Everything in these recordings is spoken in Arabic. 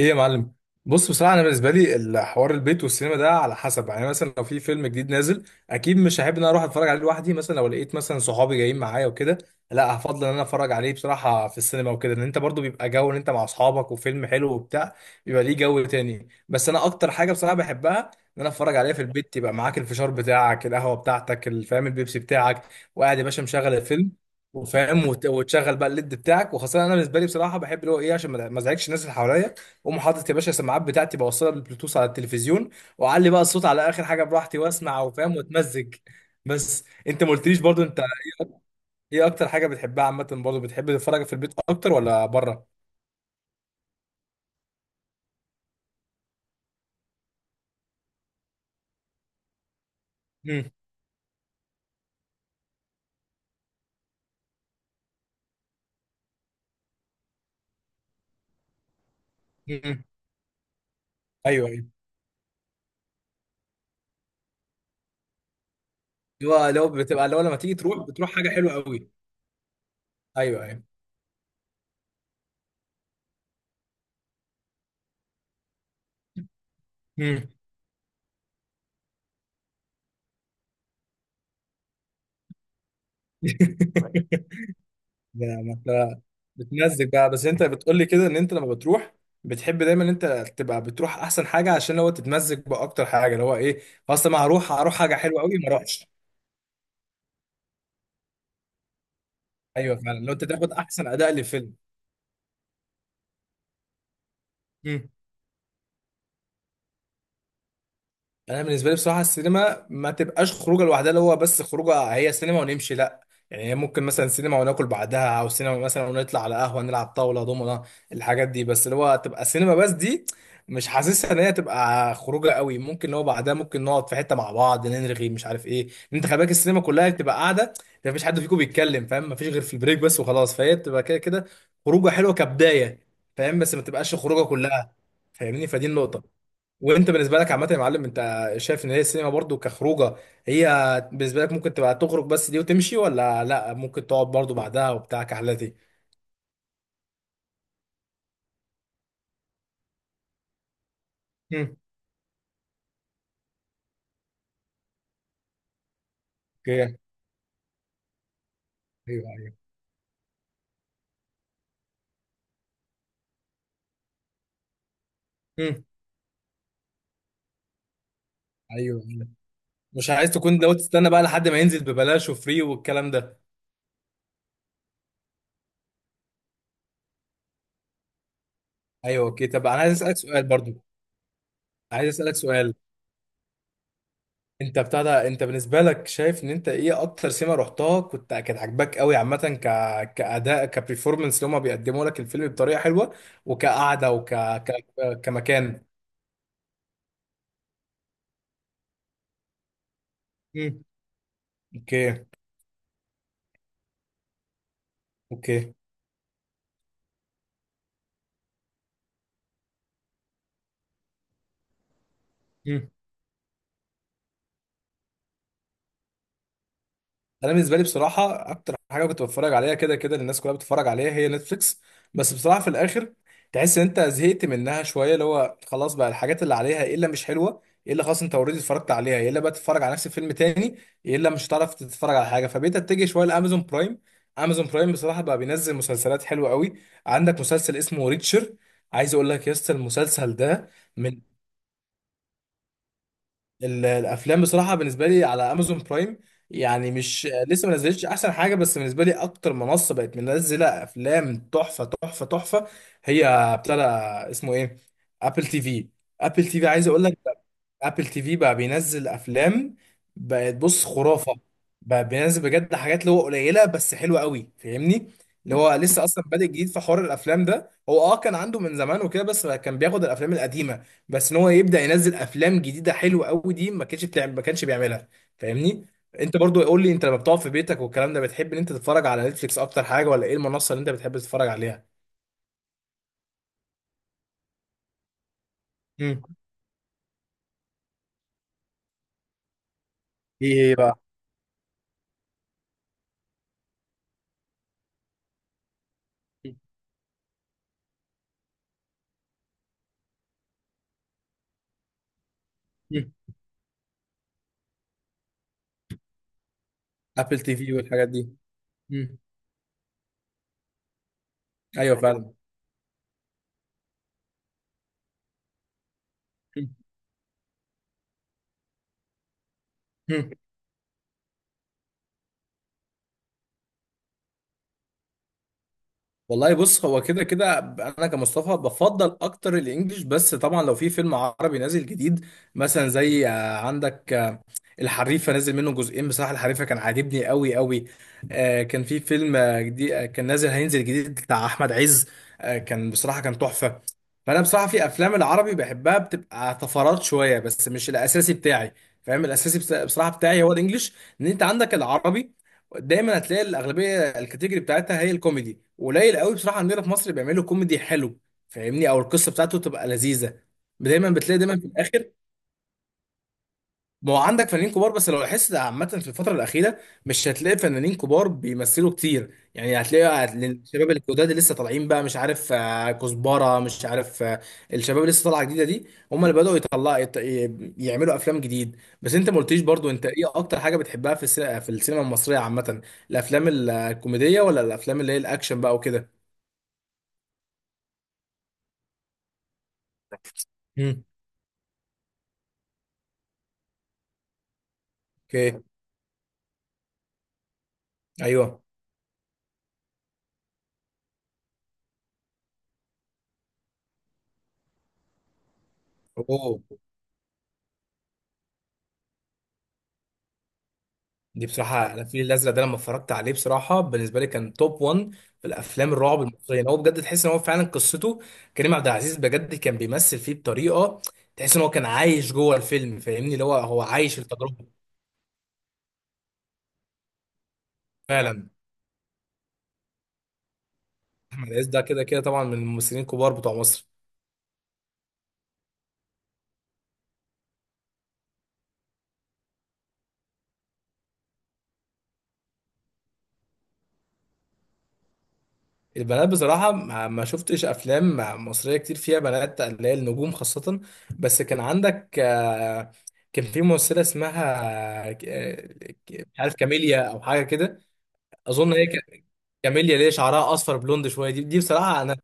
ايه يا معلم. بص، بصراحه انا بالنسبه لي الحوار البيت والسينما ده على حسب، يعني مثلا لو في فيلم جديد نازل، اكيد مش هحب ان انا اروح اتفرج عليه لوحدي. مثلا لو لقيت مثلا صحابي جايين معايا وكده، لا هفضل ان انا اتفرج عليه بصراحه في السينما وكده. ان انت برضو بيبقى جو ان انت مع اصحابك وفيلم حلو وبتاع، بيبقى ليه جو تاني. بس انا اكتر حاجه بصراحه بحبها، ان انا اتفرج عليها في البيت، يبقى معاك الفشار بتاعك، القهوه بتاعتك، الفام، البيبسي بتاعك، وقاعد يا باشا مشغل الفيلم وفاهم، وتشغل بقى الليد بتاعك. وخاصه انا بالنسبه لي بصراحه بحب اللي هو ايه، عشان ما ازعجش الناس اللي حواليا، اقوم حاطط يا باشا السماعات بتاعتي، بوصلها بالبلوتوث على التلفزيون، واعلي بقى الصوت على اخر حاجه براحتي، واسمع وفاهم واتمزج. بس انت ما قلتليش برضو، انت ايه إيه اكتر حاجه بتحبها عامه؟ برضو بتحب تتفرج في البيت اكتر ولا بره؟ امم. امم. ايوه، ايوه. لو لما تيجي تروح بتروح حاجه حلوه قوي؟ ايوه، ايوه. امم. يعني ما انت بتمزج بقى. بس انت بتقول لي كده ان انت لما بتروح بتحب دايما ان انت تبقى بتروح احسن حاجه، عشان لو تتمزج باكتر حاجه اللي هو ايه، اصل ما هروح هروح حاجه حلوه قوي ما اروحش. ايوه فعلا، لو انت تاخد احسن اداء للفيلم. انا بالنسبه لي بصراحه السينما ما تبقاش خروجه لوحدها، اللي هو بس خروجه هي سينما ونمشي، لا. يعني هي ممكن مثلا سينما وناكل بعدها، او سينما مثلا ونطلع على قهوه نلعب طاوله دومنا، الحاجات دي. بس اللي هو تبقى سينما بس دي، مش حاسسها ان هي تبقى خروجه قوي. ممكن اللي هو بعدها ممكن نقعد في حته مع بعض نرغي مش عارف ايه، إن انت خلي بالك السينما كلها بتبقى قاعده، ما فيش حد فيكم بيتكلم فاهم، ما فيش غير في البريك بس وخلاص، فهي بتبقى كده كده خروجه حلوه كبدايه، فاهم، بس ما تبقاش خروجه كلها. فاهمني؟ فدي النقطه. وانت بالنسبه لك عامه يا معلم، انت شايف ان هي السينما برضو كخروجه؟ هي بالنسبه لك ممكن تبقى تخرج بس دي وتمشي، ولا لا ممكن تقعد برضو بعدها وبتاع كحلتي؟ امم. اوكي. ايوه، ايوه. امم. ايوه، ايوه. مش عايز تكون، لو تستنى بقى لحد ما ينزل ببلاش وفري والكلام ده؟ ايوه، اوكي. طب انا عايز اسالك سؤال برضو، عايز اسالك سؤال. انت بتاع ده، انت بالنسبه لك شايف ان انت ايه اكتر سينما رحتها كنت كانت عاجباك قوي عامه، كاداء، كبرفورمانس، اللي هم بيقدموا لك الفيلم بطريقه حلوه، وكقعده كمكان؟ امم. اوكي. اوكي. مم. انا بالنسبه لي بصراحه اكتر حاجه كنت بتفرج عليها، كده كده الناس كلها بتتفرج عليها، هي نتفليكس. بس بصراحه في الاخر تحس ان انت زهقت منها شويه، اللي هو خلاص بقى الحاجات اللي عليها، ايه الا مش حلوه، ايه الا خلاص انت اوريدي اتفرجت عليها، ايه الا بقى تتفرج على نفس الفيلم تاني، ايه الا مش هتعرف تتفرج على حاجه. فبقيت اتجه شويه لامازون برايم. امازون برايم بصراحه بقى بينزل مسلسلات حلوه قوي. عندك مسلسل اسمه ريتشر، عايز اقول لك يا اسطى المسلسل ده. من الافلام بصراحه بالنسبه لي على امازون برايم، يعني مش لسه ما نزلتش احسن حاجه، بس بالنسبه لي اكتر منصه بقت منزله افلام تحفه تحفه تحفه، هي ابتدى، اسمه ايه، ابل تي في. ابل تي في عايز اقول لك، ابل تي في بقى بينزل افلام، بقت بص خرافه. بقى بينزل بجد حاجات اللي هو قليله بس حلوه قوي، فاهمني. اللي هو لسه اصلا بادئ جديد في حوار الافلام ده، هو كان عنده من زمان وكده، بس كان بياخد الافلام القديمه، بس ان هو يبدا ينزل افلام جديده حلوه قوي دي ما كانش بتعمل، ما كانش بيعملها، فاهمني. انت برضو قول لي، انت لما بتقعد في بيتك والكلام ده بتحب ان انت تتفرج على نتفليكس اكتر حاجه، ولا ايه المنصه اللي انت بتحب تتفرج عليها؟ امم. ايه بقى؟ مم. ابل تي في والحاجات دي. مم. ايوه فعلا. مم. والله بص، هو كده كده انا كمصطفى بفضل اكتر الانجليش. بس طبعا لو في فيلم عربي نازل جديد، مثلا زي عندك الحريفه نازل منه جزئين، بصراحه الحريفه كان عاجبني قوي قوي. كان في فيلم جديد كان نازل، هينزل جديد بتاع احمد عز. كان بصراحه كان تحفه. فانا بصراحه في افلام العربي بحبها، بتبقى طفرات شويه بس مش الاساسي بتاعي، فاهم؟ الاساسي بصراحه بتاعي هو الانجليش. ان انت عندك العربي دايما هتلاقي الاغلبيه الكاتيجوري بتاعتها هي الكوميدي، قليل قوي بصراحه عندنا في مصر بيعملوا كوميدي حلو، فاهمني، او القصه بتاعته تبقى لذيذه. دايما بتلاقي دايما في الاخر، ما هو عندك فنانين كبار، بس لو لاحظت عامة في الفترة الأخيرة، مش هتلاقي فنانين كبار بيمثلوا كتير، يعني هتلاقي الشباب الجداد اللي لسه طالعين بقى، مش عارف كزبرة، مش عارف الشباب اللي لسه طالعة جديدة دي هم اللي بدأوا يطلعوا يعملوا أفلام جديد. بس أنت ما قلتليش برضو، أنت إيه أكتر حاجة بتحبها في السينما المصرية عامة؟ الأفلام الكوميدية ولا الأفلام اللي هي الأكشن بقى وكده؟ امم. أوكي. أيوه. أوه، دي بصراحة أنا الفيل الأزرق ده لما اتفرجت عليه بصراحة بالنسبة لي كان توب 1 في الأفلام الرعب المصرية. يعني هو بجد تحس إن هو فعلا قصته، كريم عبد العزيز بجد كان بيمثل فيه بطريقة تحس إن هو كان عايش جوه الفيلم، فاهمني، اللي هو هو عايش التجربة. فعلا. أحمد عز ده كده كده طبعا من الممثلين الكبار بتوع مصر. البنات بصراحة ما شفتش أفلام مصرية كتير فيها بنات اللي هي النجوم خاصة. بس كان عندك كان في ممثلة اسمها آه، ك- مش عارف كاميليا أو حاجة كده. اظن هي كاميليا، ليه شعرها اصفر بلوند شويه دي بصراحه انا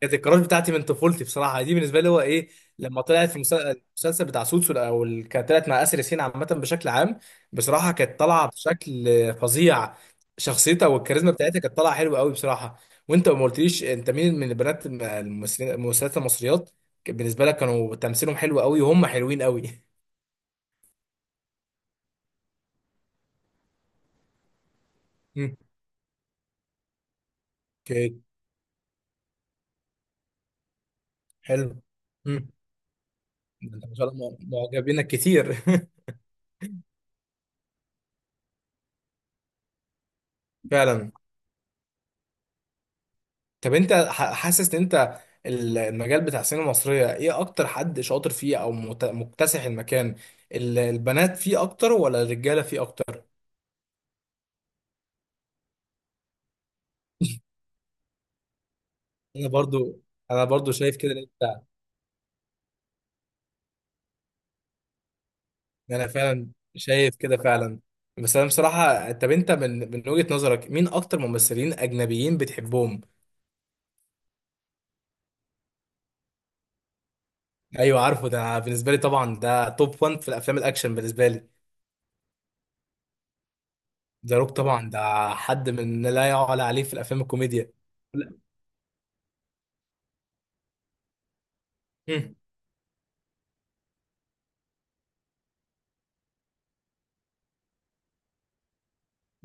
كانت الكراش بتاعتي من طفولتي بصراحه. دي بالنسبه لي هو ايه، لما طلعت في المسلسل بتاع سوتسو، او كانت طلعت مع اسر ياسين، عامه بشكل عام بصراحه كانت طالعه بشكل فظيع، شخصيتها والكاريزما بتاعتها كانت طالعه حلوه قوي بصراحه. وانت ما قلتليش، انت مين من البنات الممثلين الممثلات المصريات كان بالنسبه لك كانوا تمثيلهم حلو قوي وهم حلوين قوي؟ مم. اوكي. حلو. مم. انت ما شاء الله معجبينك كتير! فعلا. طب انت حاسس ان انت المجال بتاع السينما المصرية ايه اكتر حد شاطر فيه او مكتسح المكان؟ البنات فيه اكتر ولا الرجالة فيه اكتر؟ انا برضو انا برضو شايف كده ان انت، انا فعلا شايف كده فعلا. بس انا بصراحة، طب انت من وجهة نظرك مين اكتر ممثلين اجنبيين بتحبهم؟ ايوه عارفه ده، أنا بالنسبة لي طبعا ده توب 1 في الافلام الاكشن بالنسبة لي. ذا روك طبعا ده حد من لا يعلى عليه في الافلام الكوميديا. لا. مم.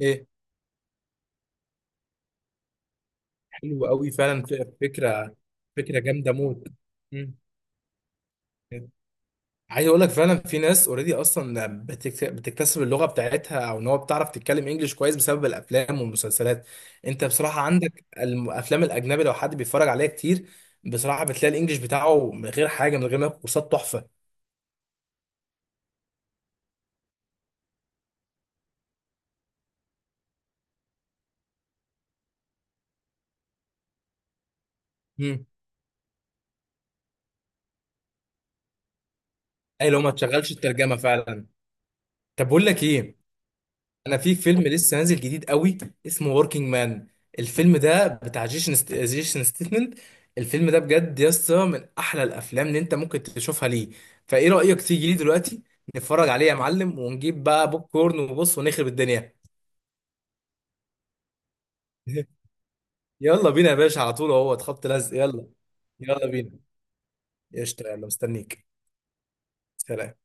ايه، حلو قوي فعلا، فكره، فكره جامده موت. مم. عايز اقول لك فعلا في ناس اوريدي اصلا بتكتسب اللغه بتاعتها، او ان هو بتعرف تتكلم انجليش كويس بسبب الافلام والمسلسلات. انت بصراحه عندك الافلام الاجنبي لو حد بيتفرج عليها كتير، بصراحه بتلاقي الانجليش بتاعه من غير حاجه، من غير ما ياخد كورسات، تحفه. مم. اي لو ما تشغلش الترجمه فعلا. طب بقول لك ايه، انا في فيلم لسه نازل جديد قوي اسمه وركينج مان. الفيلم ده بتاع جيسون ستيتمنت. الفيلم ده بجد يا اسطى من احلى الافلام اللي انت ممكن تشوفها ليه. فايه رايك تيجي لي دلوقتي نتفرج عليه يا معلم، ونجيب بقى بوب كورن وبص ونخرب الدنيا؟ يلا بينا يا باشا، على طول، اهو خبط لزق، يلا. يلا بينا، قشطه، يلا مستنيك. سلام.